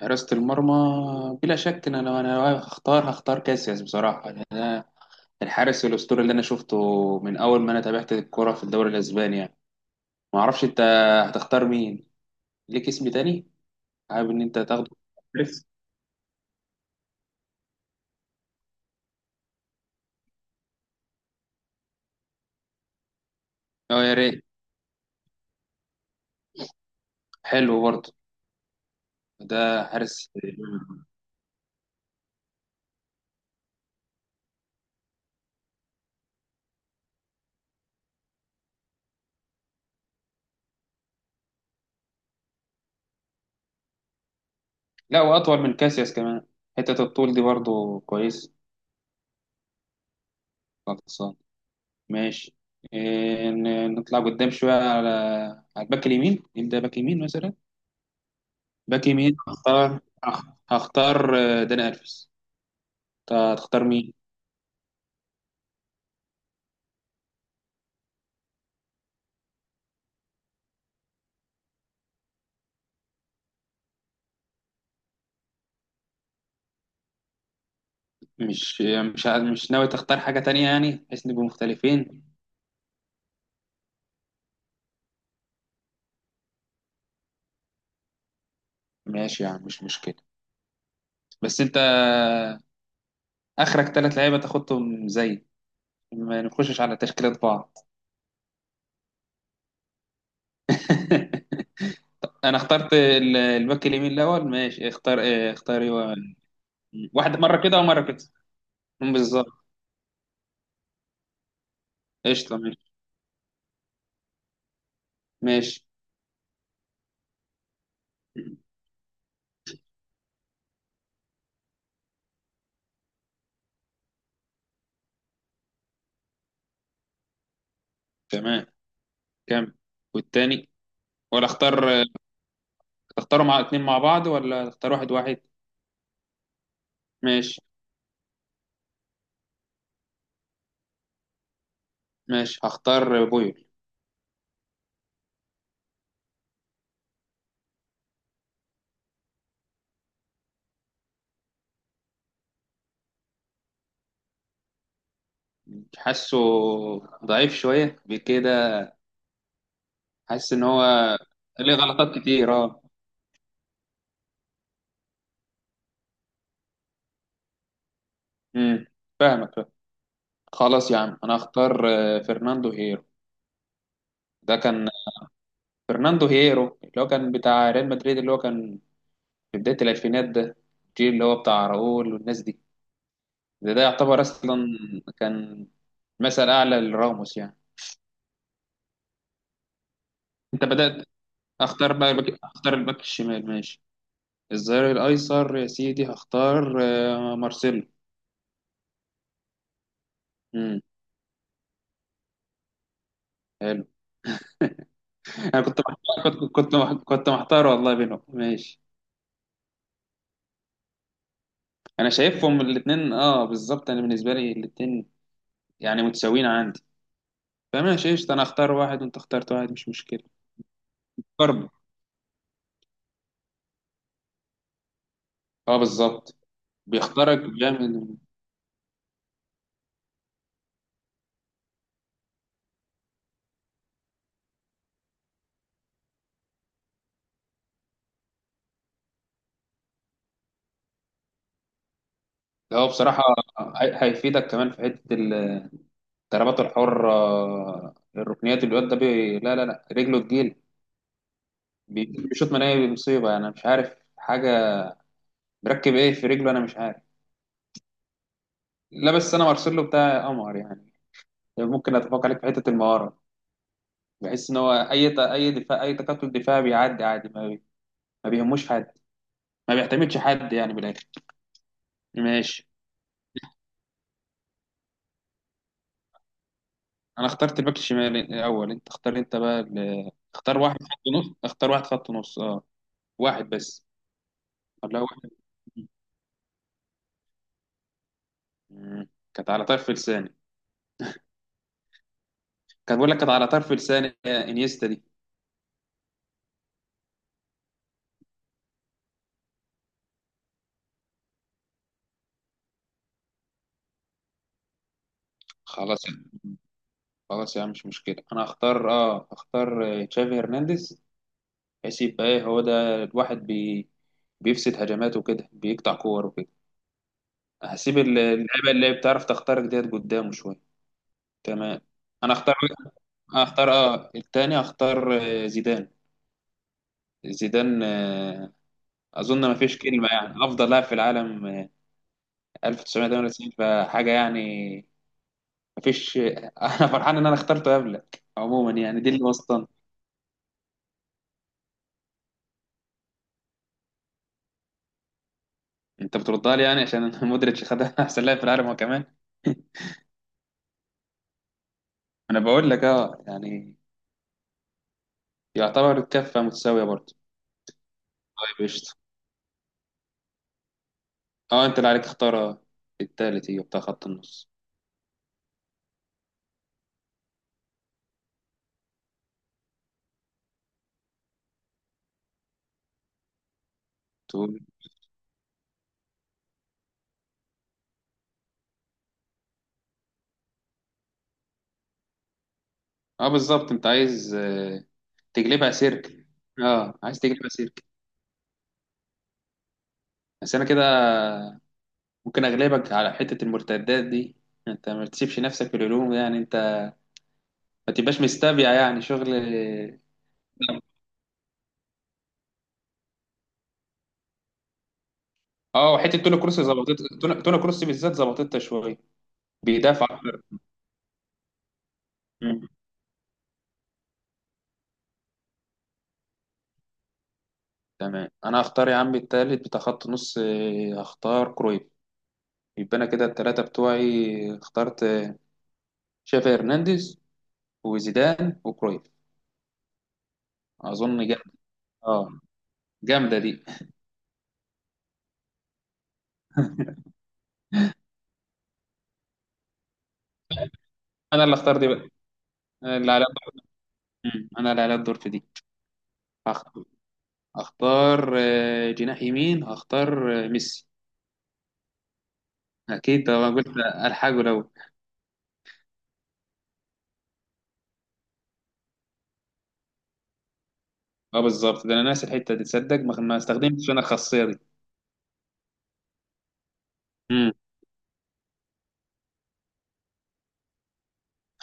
حراسة المرمى، بلا شك. إن أنا لو أنا هختار كاسياس بصراحة. الحارس الأسطوري اللي أنا شفته من أول ما أنا تابعت الكرة في الدوري الأسباني يعني. ما أعرفش أنت هتختار مين، ليك اسم تاني حابب إن أنت تاخده؟ حارس. أه يا ريت. حلو برضه ده. حارس، لا، وأطول من كاسياس كمان. حتة الطول دي برضه كويس. خلصان. ماشي. نطلع قدام شوية على على الباك اليمين. نبدأ باك يمين مثلا. باك يمين هختار داني ألفيس. هتختار مين؟ مش مش ناوي تختار حاجة تانية يعني، بحيث نبقى مختلفين؟ ماشي، يعني مش مشكلة. بس انت، اخرك ثلاث لعيبة تاخدهم، زي ما نخشش على تشكيلة بعض. انا اخترت الباك اليمين الاول. ماشي اختار، اختار، ايوه. واحد مرة كده ومرة كده. بالظبط. قشطة. ماشي. ماشي. تمام. كم؟ والتاني؟ ولا اختار؟ تختاروا مع اتنين مع بعض، ولا تختار واحد واحد؟ ماشي. ماشي، هختار بويل. حاسه ضعيف شوية بكده. حاسس ان هو ليه غلطات كتير، اه. امم. فاهمك، فاهم. خلاص يا عم انا هختار فرناندو هيرو. ده كان فرناندو هيرو اللي هو كان بتاع ريال مدريد، اللي هو كان في بداية الألفينات ده. الجيل اللي هو بتاع راؤول والناس دي. ده يعتبر أصلا كان مثل أعلى لراموس يعني. أنت بدأت. أختار بقى أختار الباك الشمال ماشي. الظهير الايسر يا سيدي هختار مارسيلو. امم. حلو. انا كنت محتار، كنت محتار والله بينهم. ماشي. انا شايفهم الاثنين، اه بالظبط. انا بالنسبه لي الاثنين يعني متساويين عندي. فماشي، قشطه، انا اختار واحد وانت اخترت واحد، مش مشكله. برضه. اه، بالظبط. بيختارك بيعمل. هو بصراحه هيفيدك كمان في حته الضربات الحره، الركنيات. الواد ده بي... لا لا لا، رجله تجيل. بيشوط مناهي بمصيبه، انا مش عارف حاجه مركب ايه في رجله، انا مش عارف. لا، بس انا مارسيلو بتاع قمر يعني. ممكن اتفق عليك في حته المهاره. بحس ان هو اي دفاع، اي تكتل دفاعي بيعدي عادي، ما بيهموش حد، ما بيعتمدش حد يعني بالاخر. ماشي. انا اخترت الباك الشمال الاول. انت اختار انت بقى اختار واحد خط نص. اختار واحد خط نص، اه. واحد بس ولا واحد؟ مم. كانت على طرف لساني. كان بقول لك كانت على طرف لساني يا انيستا دي. خلاص. خلاص يا عم مش مشكله، انا هختار تشافي هرنانديز. هيسيب بقى. إيه، هو ده الواحد بيفسد هجماته كده، بيقطع كور وكده. هسيب اللعيبه اللي بتعرف تخترق ديت قدامه شويه. تمام. انا اختار اختار اه التاني اختار آه، زيدان. زيدان. اظن ما فيش كلمه، يعني افضل لاعب في العالم 1998 فحاجه يعني. ما فيش. انا فرحان ان انا اخترته قبلك عموما يعني. دي اللي وسطنا. انت بتردها لي يعني عشان مودريتش خد احسن لاعب في العالم هو كمان. انا بقول لك اه يعني يعتبر كفه متساويه برضه. طيب قشطة. اه انت اللي عليك تختار. التالت هي بتاع خط النص. تقول. اه، بالظبط. انت عايز، تجلبها سيرك. اه عايز تجلبها سيرك. بس انا كده ممكن اغلبك على حتة المرتدات دي. انت ما تسيبش نفسك في الهجوم يعني، انت ما تبقاش مستبيع يعني شغل. اه، وحتة توني كروس ظبطت. توني كروس بالذات ظبطتها شوية. بيدافع اكتر. مم. تمام. انا هختار يا عم التالت بتاع خط نص، هختار كرويف. يبقى انا كده التلاتة بتوعي اخترت شافي هرنانديز وزيدان وكرويف. اظن جامده. اه جامده دي. انا اللي اختار دي بقى. أنا اللي على. مم. انا اللي على الدور في دي. هخ- هختار جناح يمين، هختار ميسي. اكيد ده، انا قلت الحاجه لو. اه بالظبط، ده انا ناسي الحته دي، تصدق ما استخدمتش انا الخاصيه دي. امم.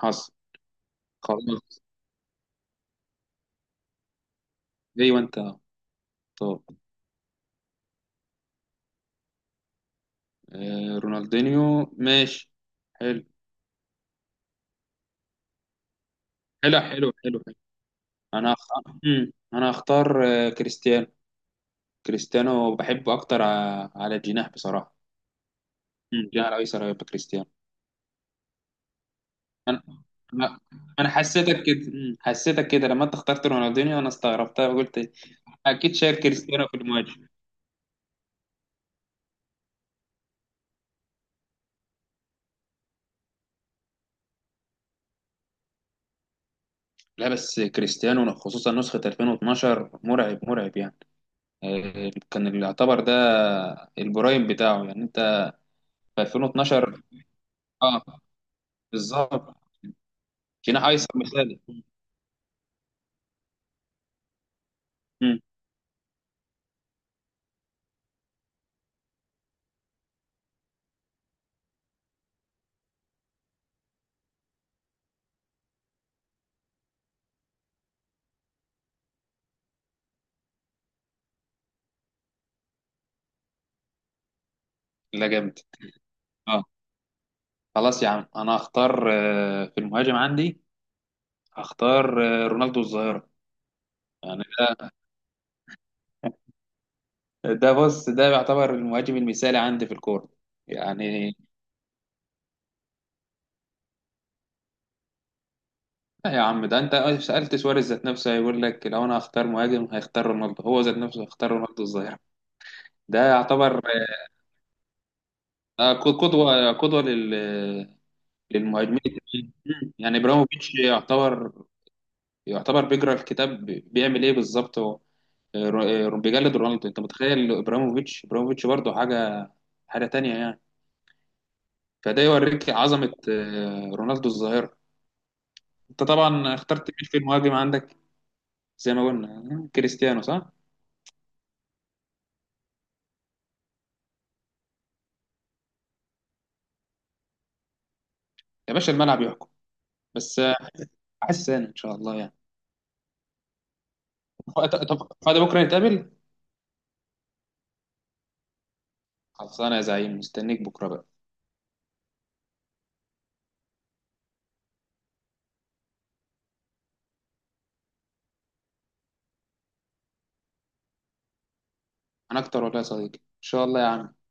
حصل. خلاص. ايوه انت. طب، رونالدينيو، ماشي، حلو. حلو. انا هخ... مم. انا هختار كريستيانو. كريستيانو بحبه اكتر على الجناح بصراحه. مم، جناح الايسر هيبقى كريستيانو. لا. انا حسيتك كده، مم، حسيتك كده لما انت اخترت رونالدينيو، انا استغربتها وقلت اكيد شايل كريستيانو في المواجهه. لا بس كريستيانو خصوصا نسخه 2012 مرعب، مرعب يعني. كان اللي يعتبر ده البرايم بتاعه يعني انت. في 2012، اه بالظبط. جناح ايسر مثالي. مم. لا جامد. اه. خلاص يا عم انا هختار في المهاجم عندي. هختار رونالدو الظاهرة. يعني ده، ده بص، ده يعتبر المهاجم المثالي عندي في الكورة يعني. لا يا عم، ده انت سألت سواريز ذات نفسه هيقول لك لو انا هختار مهاجم هيختار رونالدو. هو ذات نفسه هيختار رونالدو الظاهرة. ده يعتبر آه، ق- قدوة، قدوة لل للمهاجمين التانيين. مم. يعني ابراهيموفيتش يعتبر، يعتبر بيقرا الكتاب بيعمل ايه بالظبط هو. بيجلد رونالدو. انت متخيل ابراهيموفيتش؟ ابراهيموفيتش برضه حاجة، حاجة تانية يعني. فده يوريك عظمة رونالدو الظاهرة. انت طبعا اخترت مين في المهاجم عندك؟ زي ما قلنا كريستيانو، صح؟ يا باشا الملعب يحكم. بس احس انا ان شاء الله يعني. طب فاضي بكره نتقابل. خلصانه يا زعيم، مستنيك بكره بقى. انا اكتر ولا يا صديقي، ان شاء الله يا عم.